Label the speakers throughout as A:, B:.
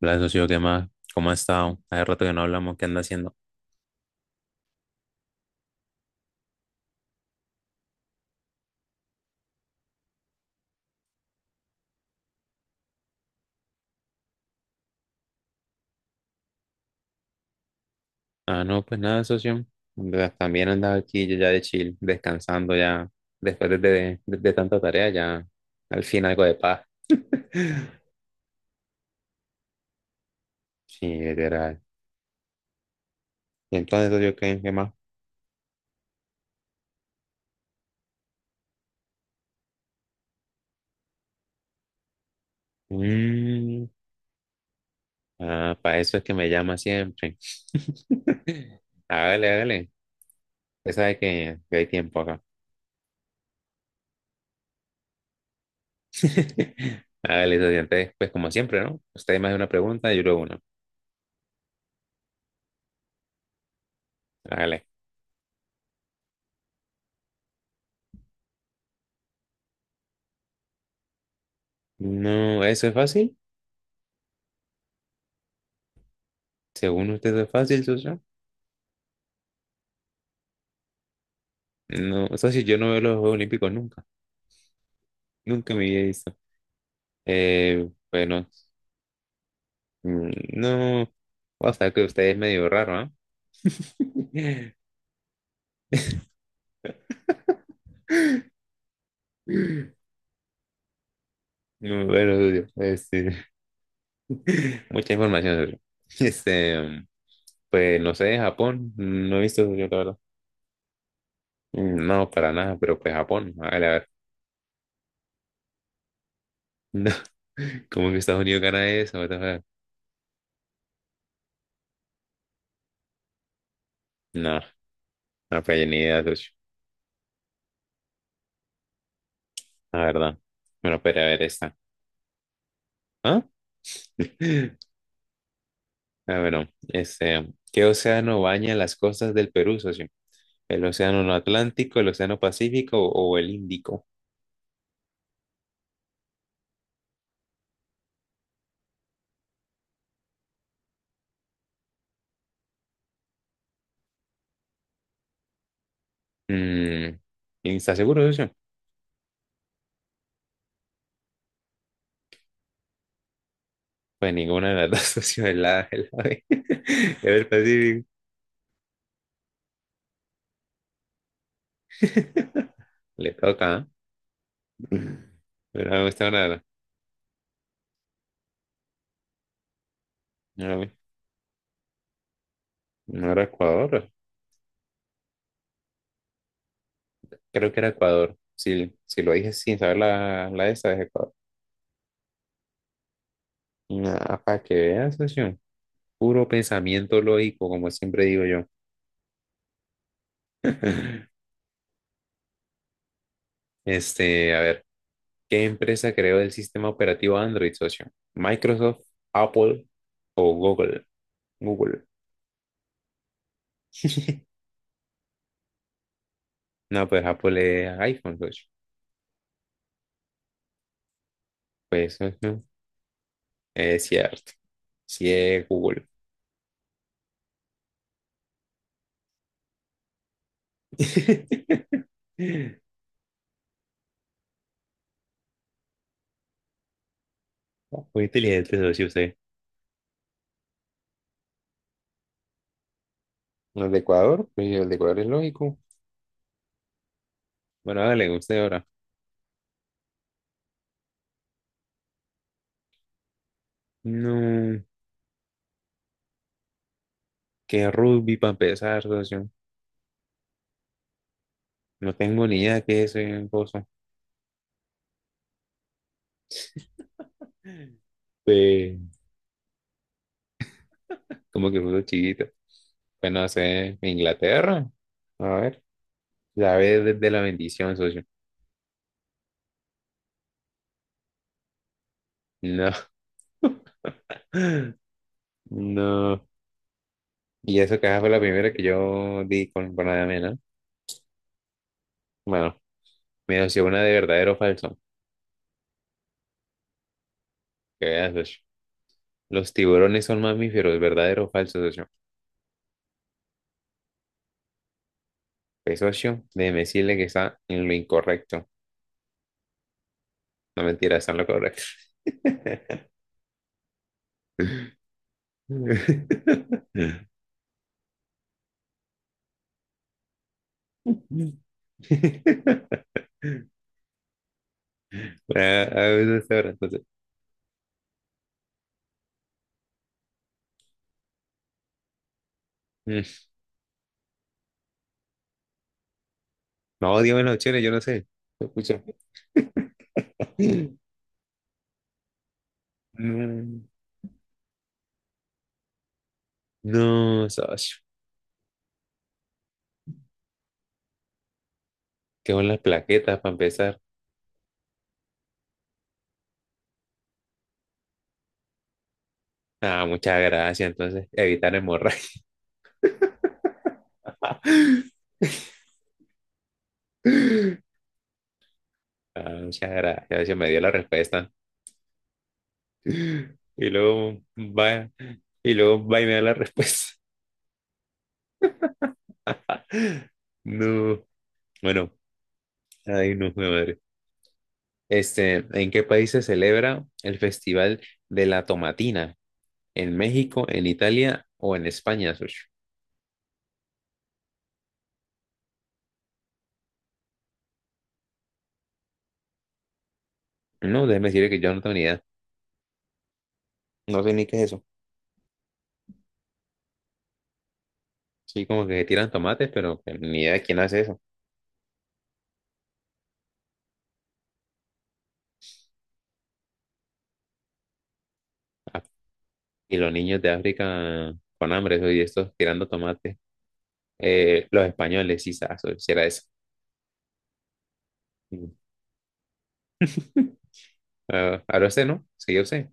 A: Hola, socio, ¿qué más? ¿Cómo ha estado? Hace rato que no hablamos, ¿qué anda haciendo? Ah, no, pues nada, socio. También andaba aquí yo ya de chill, descansando ya. Después de tanta tarea, ya al fin algo de paz. Sí, literal. ¿Y entonces, socio, qué más? Mm, ah, para eso es que me llama siempre. Hágale, hágale. Usted sabe que hay tiempo acá. Hágale, socio. Entonces, pues como siempre, ¿no? Usted más de una pregunta, yo luego una. Hágale. No, eso es fácil. Según usted es fácil, socio. No, socio, yo no veo los Juegos Olímpicos nunca. Nunca me había visto. Bueno, no. O sea que usted es medio raro, ¿eh? No, bueno, socio, este, mucha información, socio. Este, pues no sé, Japón. No he visto, socio, la verdad. No, para nada, pero pues Japón. Hágale. A ver, no. ¿Cómo que Estados Unidos gana eso? What the fuck? No, no, pues ni idea, socio. La verdad. Bueno, pero a ver esta. ¿Ah? Ah, bueno, este, ¿qué océano baña las costas del Perú, socio? ¿El océano no Atlántico, el océano Pacífico o el Índico? Mm, ¿Estás seguro, socio? Pues ninguna de las dos, socio, es es la B, es el Pacífico. Le toca, ¿eh? Pero no me gusta nada. No, no era Ecuador, creo que era Ecuador. Si, si lo dije sin saber la de esa, es Ecuador. Nada, para que veas, socio. Puro pensamiento lógico, como siempre digo yo. Este, a ver, ¿qué empresa creó el sistema operativo Android, socio? ¿Microsoft, Apple o Google? Google. No, pues Apple es iPhone, socio. Pues ujú, es cierto. Sí es Google. Muy inteligente, socio, usted. ¿El de Ecuador? Pues el de Ecuador es lógico. Bueno, dale, usted ahora. No, que rugby para empezar, socio. No tengo ni idea qué es esa cosa. Pues, como que fue chiquito. Pues no sé, Inglaterra. A ver, la vez de la bendición, socio. No, no. Y eso que esa fue la primera que yo di con la de amena. Bueno, me dio una de verdadero o falso. Que veas, socio. Los tiburones son mamíferos, verdadero o falso, socio. Pues, socio, déjeme decirle que está en lo incorrecto. No, mentira, está en lo correcto. Bueno, a veces ahora entonces. No, dígame las opciones, yo no sé. Escucha. No, no, socio. ¿Qué son las plaquetas para empezar? Ah, muchas gracias. Entonces, evitar hemorragia. Ah, muchas gracias, socio, me dio la respuesta. Y luego va, y luego va y me da la respuesta. No, bueno, ay, no, mi madre. Este, ¿en qué país se celebra el Festival de la Tomatina? ¿En México, en Italia o en España, socio? No, déjeme decirle que yo no tengo ni idea. No sé ni qué es eso. Sí, como que tiran tomates, pero pues ni idea de quién hace eso. Ah, y los niños de África con hambre, eso y estos tirando tomates. Los españoles, sí, saso, sí era eso. Mm. Ah, ahora usted, ¿no? Sí, usted.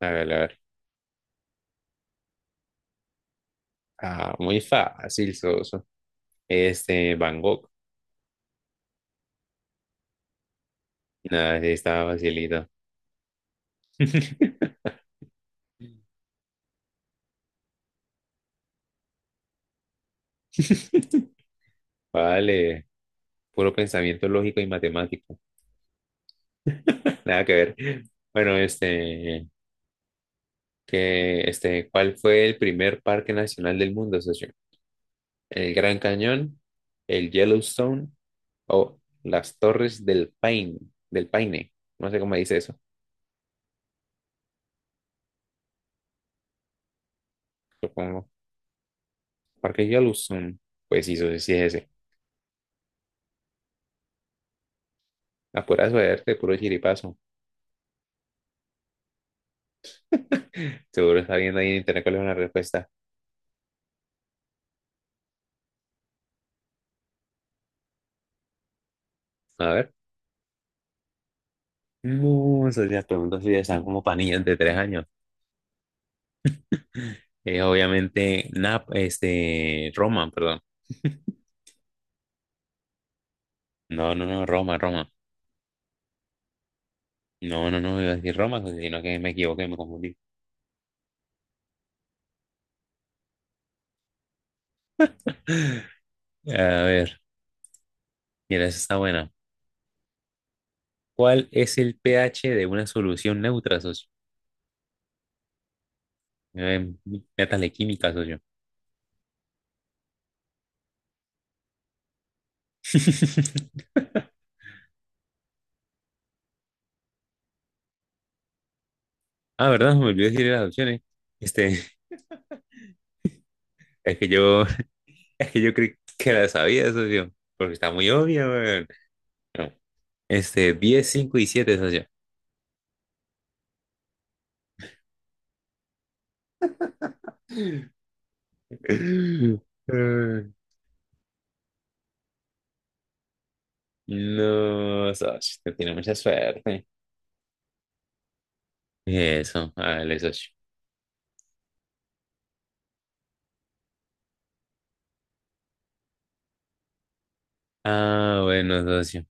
A: A ver, a ver. Ah, muy fácil, soso. Este, Van Gogh. Nada, sí, estaba facilito. Vale, puro pensamiento lógico y matemático. Nada que ver. Bueno, este, que, este, ¿cuál fue el primer parque nacional del mundo, socio? ¿El Gran Cañón, el Yellowstone o las Torres del Paine? Del Paine, no sé cómo dice eso, supongo. Parque Yellowstone, pues sí, socio, sí es ese. Apura suerte, puro chiripazo. Seguro está viendo ahí en internet cuál es la respuesta. A ver. No, esas las preguntas sí están como panillas de 3 años. Obviamente, este, Roma, perdón. No, no, no, Roma, Roma. No, no, no, iba a decir Roma, sino que me equivoqué, me confundí. A ver, mira, esa está buena. ¿Cuál es el pH de una solución neutra, socio? Eh, métale química, socio. Ah, ¿verdad? Me olvidé decir las opciones. Este, es que yo, es que yo creí que la sabía, socio, porque está muy obvia, weón. No. Este, 10, cinco y 7, socio. Eh, no, socio, te tiene mucha suerte. Eso, vale, socio. Ah, bueno, socio.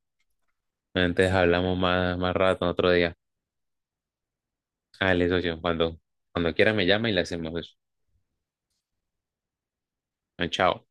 A: Antes hablamos más, más rato, otro día. Dale, socio, cuando quiera me llama y le hacemos eso. Ah, chao.